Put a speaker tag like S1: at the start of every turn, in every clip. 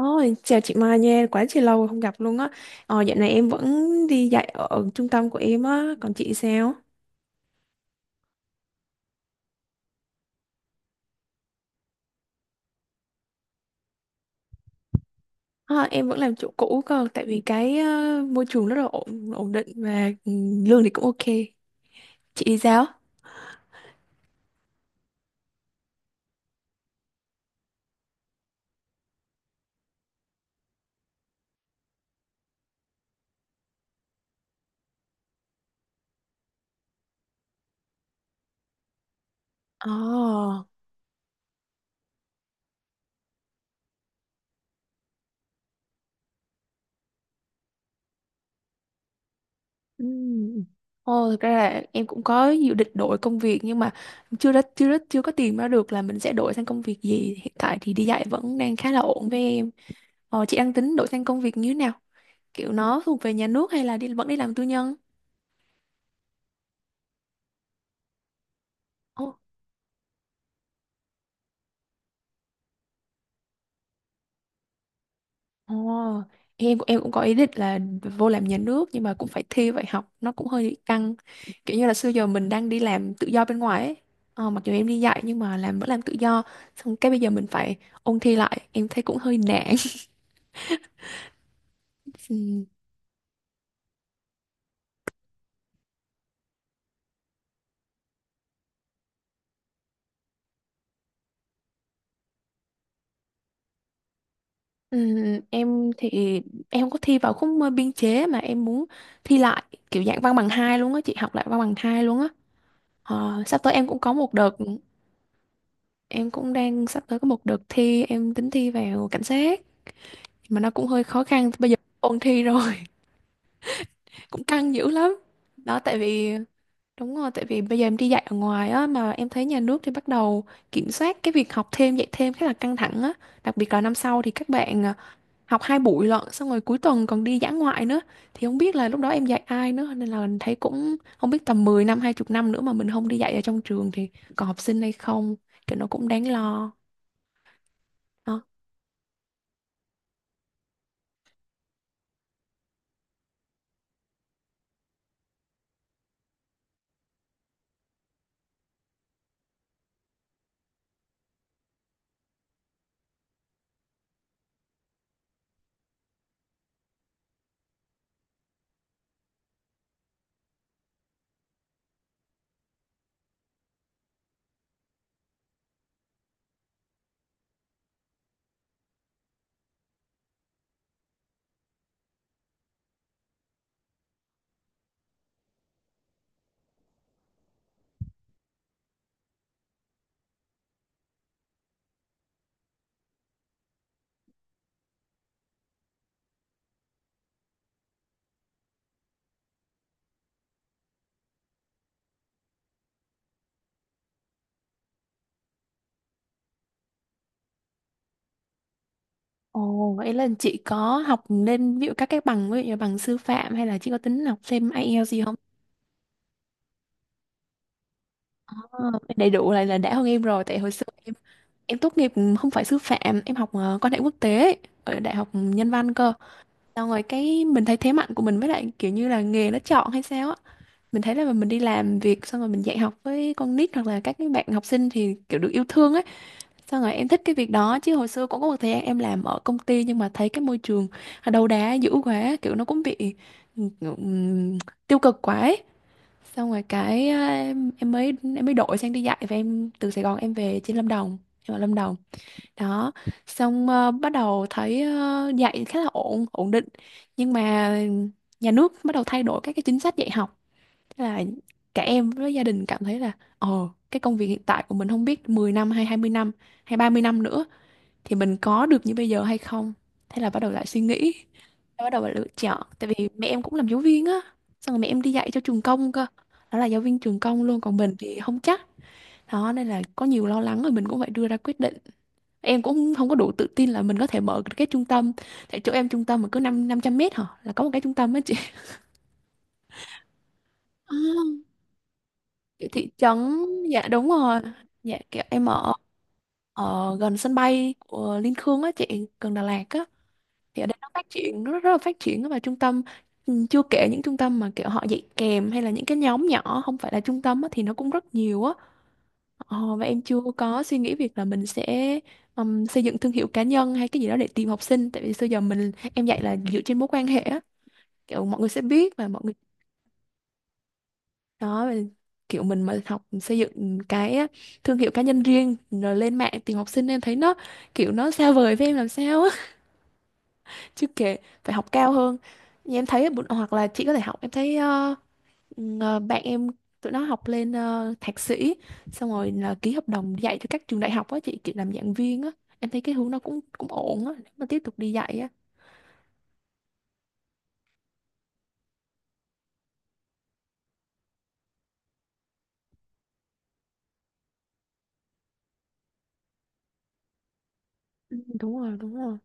S1: Ôi, chào chị Mai nha, quá chị lâu rồi không gặp luôn á. Dạo này em vẫn đi dạy ở trung tâm của em á, còn chị sao? Ờ, em vẫn làm chỗ cũ cơ, tại vì cái môi trường rất là ổn, ổn định và lương thì cũng ok. Chị đi sao? Ồ, ừ. Ồ, thực ra là em cũng có dự định đổi công việc nhưng mà chưa có tìm ra được là mình sẽ đổi sang công việc gì. Hiện tại thì đi dạy vẫn đang khá là ổn với em. Chị đang tính đổi sang công việc như thế nào? Kiểu nó thuộc về nhà nước hay là vẫn đi làm tư nhân? Ồ, ồ, em cũng có ý định là vô làm nhà nước nhưng mà cũng phải thi vậy học nó cũng hơi căng, kiểu như là xưa giờ mình đang đi làm tự do bên ngoài ấy. Mặc dù em đi dạy nhưng mà vẫn làm tự do, xong cái bây giờ mình phải ôn thi lại em thấy cũng hơi nản. Ừ. Ừ, em thì em không có thi vào khúc biên chế, mà em muốn thi lại kiểu dạng văn bằng hai luôn á chị, học lại văn bằng hai luôn á. Sắp tới em cũng có một đợt em cũng đang sắp tới có một đợt thi, em tính thi vào cảnh sát, mà nó cũng hơi khó khăn, bây giờ ôn thi rồi. Cũng căng dữ lắm đó. Tại vì Đúng rồi, tại vì bây giờ em đi dạy ở ngoài á, mà em thấy nhà nước thì bắt đầu kiểm soát cái việc học thêm dạy thêm khá là căng thẳng á. Đặc biệt là năm sau thì các bạn học hai buổi lận, xong rồi cuối tuần còn đi dã ngoại nữa, thì không biết là lúc đó em dạy ai nữa, nên là thấy cũng không biết tầm 10 năm 20 năm nữa mà mình không đi dạy ở trong trường thì còn học sinh hay không. Kiểu nó cũng đáng lo. Ồ, vậy là chị có học lên ví dụ các cái bằng, ví dụ như bằng sư phạm, hay là chị có tính học thêm IELTS gì không? Ờ, Đầy đủ lại là đã hơn em rồi, tại hồi xưa em tốt nghiệp không phải sư phạm, em học quan hệ quốc tế ấy, ở đại học nhân văn cơ. Xong rồi cái mình thấy thế mạnh của mình, với lại kiểu như là nghề nó chọn hay sao á, mình thấy là mình đi làm việc xong rồi mình dạy học với con nít hoặc là các cái bạn học sinh thì kiểu được yêu thương ấy. Xong rồi em thích cái việc đó, chứ hồi xưa cũng có một thời gian em làm ở công ty, nhưng mà thấy cái môi trường đầu đá dữ quá, kiểu nó cũng bị ừm, tiêu cực quá ấy. Xong rồi cái em mới đổi sang đi dạy, và em từ Sài Gòn em về trên Lâm Đồng, em ở Lâm Đồng đó. Xong bắt đầu thấy dạy khá là ổn, ổn định, nhưng mà nhà nước bắt đầu thay đổi các cái chính sách dạy học. Thế là cả em với gia đình cảm thấy là ồ, cái công việc hiện tại của mình không biết 10 năm hay 20 năm hay 30 năm nữa thì mình có được như bây giờ hay không. Thế là bắt đầu lại suy nghĩ, bắt đầu lại lựa chọn. Tại vì mẹ em cũng làm giáo viên á, xong rồi mẹ em đi dạy cho trường công cơ, đó là giáo viên trường công luôn, còn mình thì không chắc. Đó nên là có nhiều lo lắng, rồi mình cũng phải đưa ra quyết định. Em cũng không có đủ tự tin là mình có thể mở được cái trung tâm, tại chỗ em trung tâm mà cứ năm 500 mét hả là có một cái trung tâm á chị. À, kiểu thị trấn, dạ đúng rồi, dạ kiểu em ở ở gần sân bay của Liên Khương á chị, gần Đà Lạt á. Thì ở đây nó phát triển, nó rất, rất là phát triển á, và trung tâm, chưa kể những trung tâm mà kiểu họ dạy kèm, hay là những cái nhóm nhỏ không phải là trung tâm á, thì nó cũng rất nhiều á. Và em chưa có suy nghĩ việc là mình sẽ xây dựng thương hiệu cá nhân hay cái gì đó để tìm học sinh, tại vì xưa giờ em dạy là dựa trên mối quan hệ á, kiểu mọi người sẽ biết và mọi người, đó, và kiểu mình mà học xây dựng cái thương hiệu cá nhân riêng rồi lên mạng tìm học sinh, em thấy nó kiểu nó xa vời với em làm sao á. Chứ kể phải học cao hơn. Như em thấy hoặc là chị có thể học, em thấy bạn em tụi nó học lên thạc sĩ, xong rồi là ký hợp đồng dạy cho các trường đại học á chị, kiểu làm giảng viên á. Em thấy cái hướng nó cũng cũng ổn á, nếu mà tiếp tục đi dạy á. Ừ, đúng rồi, đúng rồi.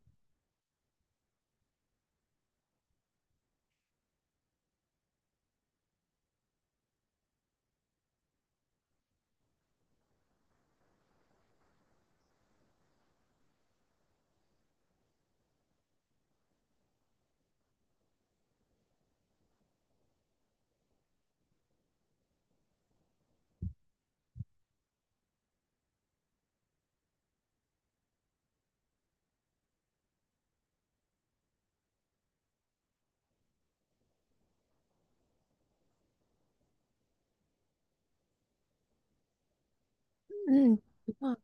S1: Ừ, đúng rồi.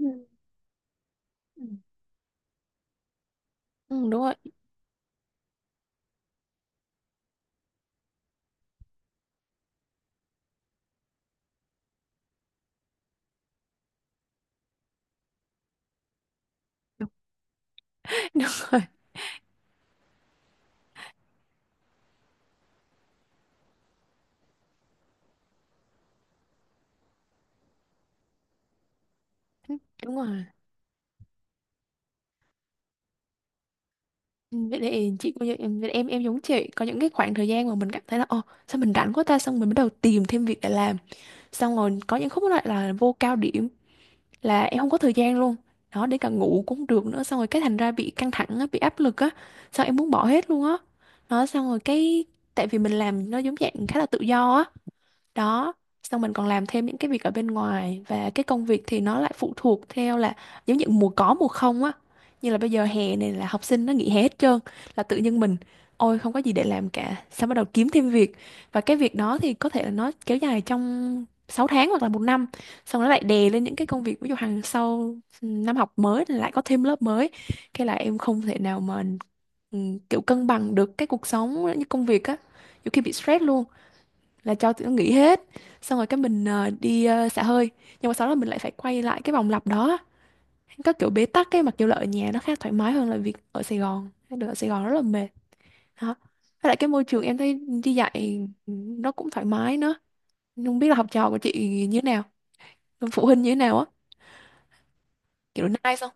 S1: Ừ, ừ, đúng rồi. Đúng rồi, đúng rồi. Ừ, vậy thì chị cũng như em, em giống chị, có những cái khoảng thời gian mà mình cảm thấy là ồ, sao mình rảnh quá ta, xong mình bắt đầu tìm thêm việc để làm. Xong rồi có những khúc lại là vô cao điểm, là em không có thời gian luôn, đó, để cả ngủ cũng không được nữa, xong rồi cái thành ra bị căng thẳng á, bị áp lực á, xong em muốn bỏ hết luôn á. Đó, xong rồi cái tại vì mình làm nó giống dạng khá là tự do á. Đó, xong mình còn làm thêm những cái việc ở bên ngoài, và cái công việc thì nó lại phụ thuộc theo là giống như mùa có mùa không á, như là bây giờ hè này là học sinh nó nghỉ hè hết trơn, là tự nhiên mình ôi không có gì để làm cả, xong bắt đầu kiếm thêm việc. Và cái việc đó thì có thể là nó kéo dài trong 6 tháng hoặc là một năm, xong nó lại đè lên những cái công việc ví dụ hàng sau. Năm học mới thì lại có thêm lớp mới, cái là em không thể nào mà ừ, kiểu cân bằng được cái cuộc sống như công việc á. Nhiều khi bị stress luôn, là cho tụi nó nghỉ hết, xong rồi cái mình đi xả hơi, nhưng mà sau đó mình lại phải quay lại cái vòng lặp đó, có kiểu bế tắc ấy. Mặc dù là ở nhà nó khá thoải mái hơn là việc ở Sài Gòn, được, ở Sài Gòn rất là mệt đó. Với lại cái môi trường em thấy đi dạy nó cũng thoải mái nữa. Nhưng không biết là học trò của chị như thế nào, phụ huynh như thế nào á, kiểu nice không.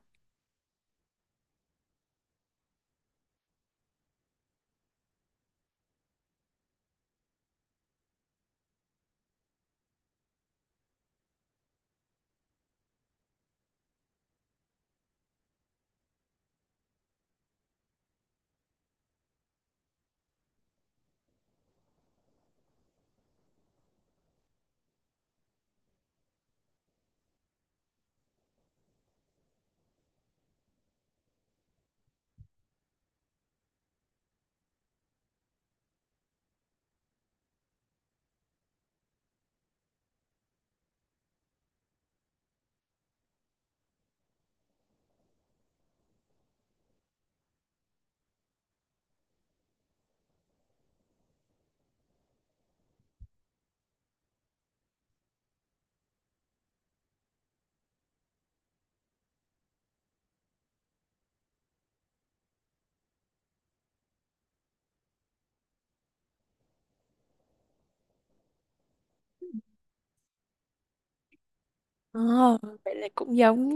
S1: Ồ, vậy là cũng giống.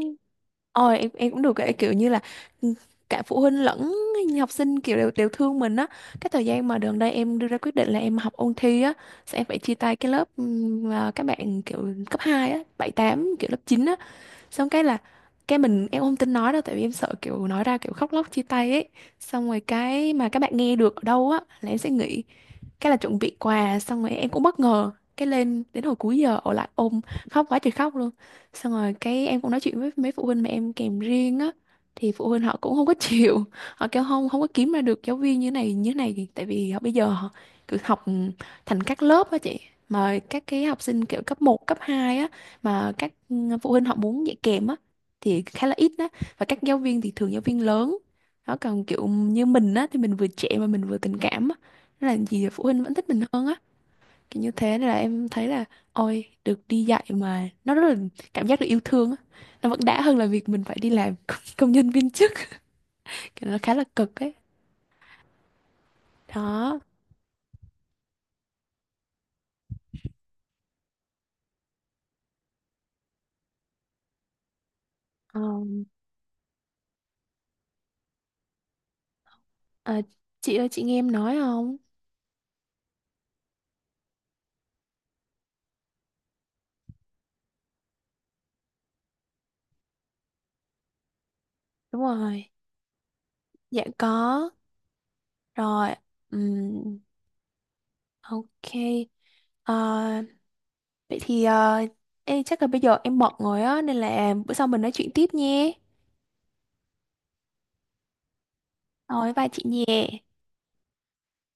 S1: Ôi, em cũng được cái kiểu như là, ừ, cả phụ huynh lẫn học sinh kiểu đều đều thương mình á. Cái thời gian mà gần đây em đưa ra quyết định là em học ôn thi á, sẽ phải chia tay cái lớp mà các bạn kiểu cấp 2 á, 7 tám, kiểu lớp 9 á, xong cái là cái em không tin nói đâu, tại vì em sợ kiểu nói ra kiểu khóc lóc chia tay ấy. Xong rồi cái mà các bạn nghe được ở đâu á là em sẽ nghỉ, cái là chuẩn bị quà, xong rồi em cũng bất ngờ, cái lên đến hồi cuối giờ ở lại ôm khóc quá trời khóc luôn. Xong rồi cái em cũng nói chuyện với mấy phụ huynh mà em kèm riêng á, thì phụ huynh họ cũng không có chịu. Họ kêu không không có kiếm ra được giáo viên như này như này, tại vì họ bây giờ họ cứ học thành các lớp á chị. Mà các cái học sinh kiểu cấp một cấp 2 á, mà các phụ huynh họ muốn dạy kèm á thì khá là ít đó. Và các giáo viên thì thường giáo viên lớn đó, còn kiểu như mình á thì mình vừa trẻ mà mình vừa tình cảm á, nên là gì phụ huynh vẫn thích mình hơn á, kiểu như thế. Nên là em thấy là ôi được đi dạy mà nó rất là cảm giác được yêu thương á, nó vẫn đã hơn là việc mình phải đi làm công công nhân viên chức, kiểu nó khá là cực ấy. Đó. Ờm, à, chị ơi, chị nghe em nói không? Đúng rồi, dạ có rồi. Ừm, ok. Ờ, Vậy thì chắc là bây giờ em bận rồi á, nên là bữa sau mình nói chuyện tiếp nhé. Rồi, bye chị nhé.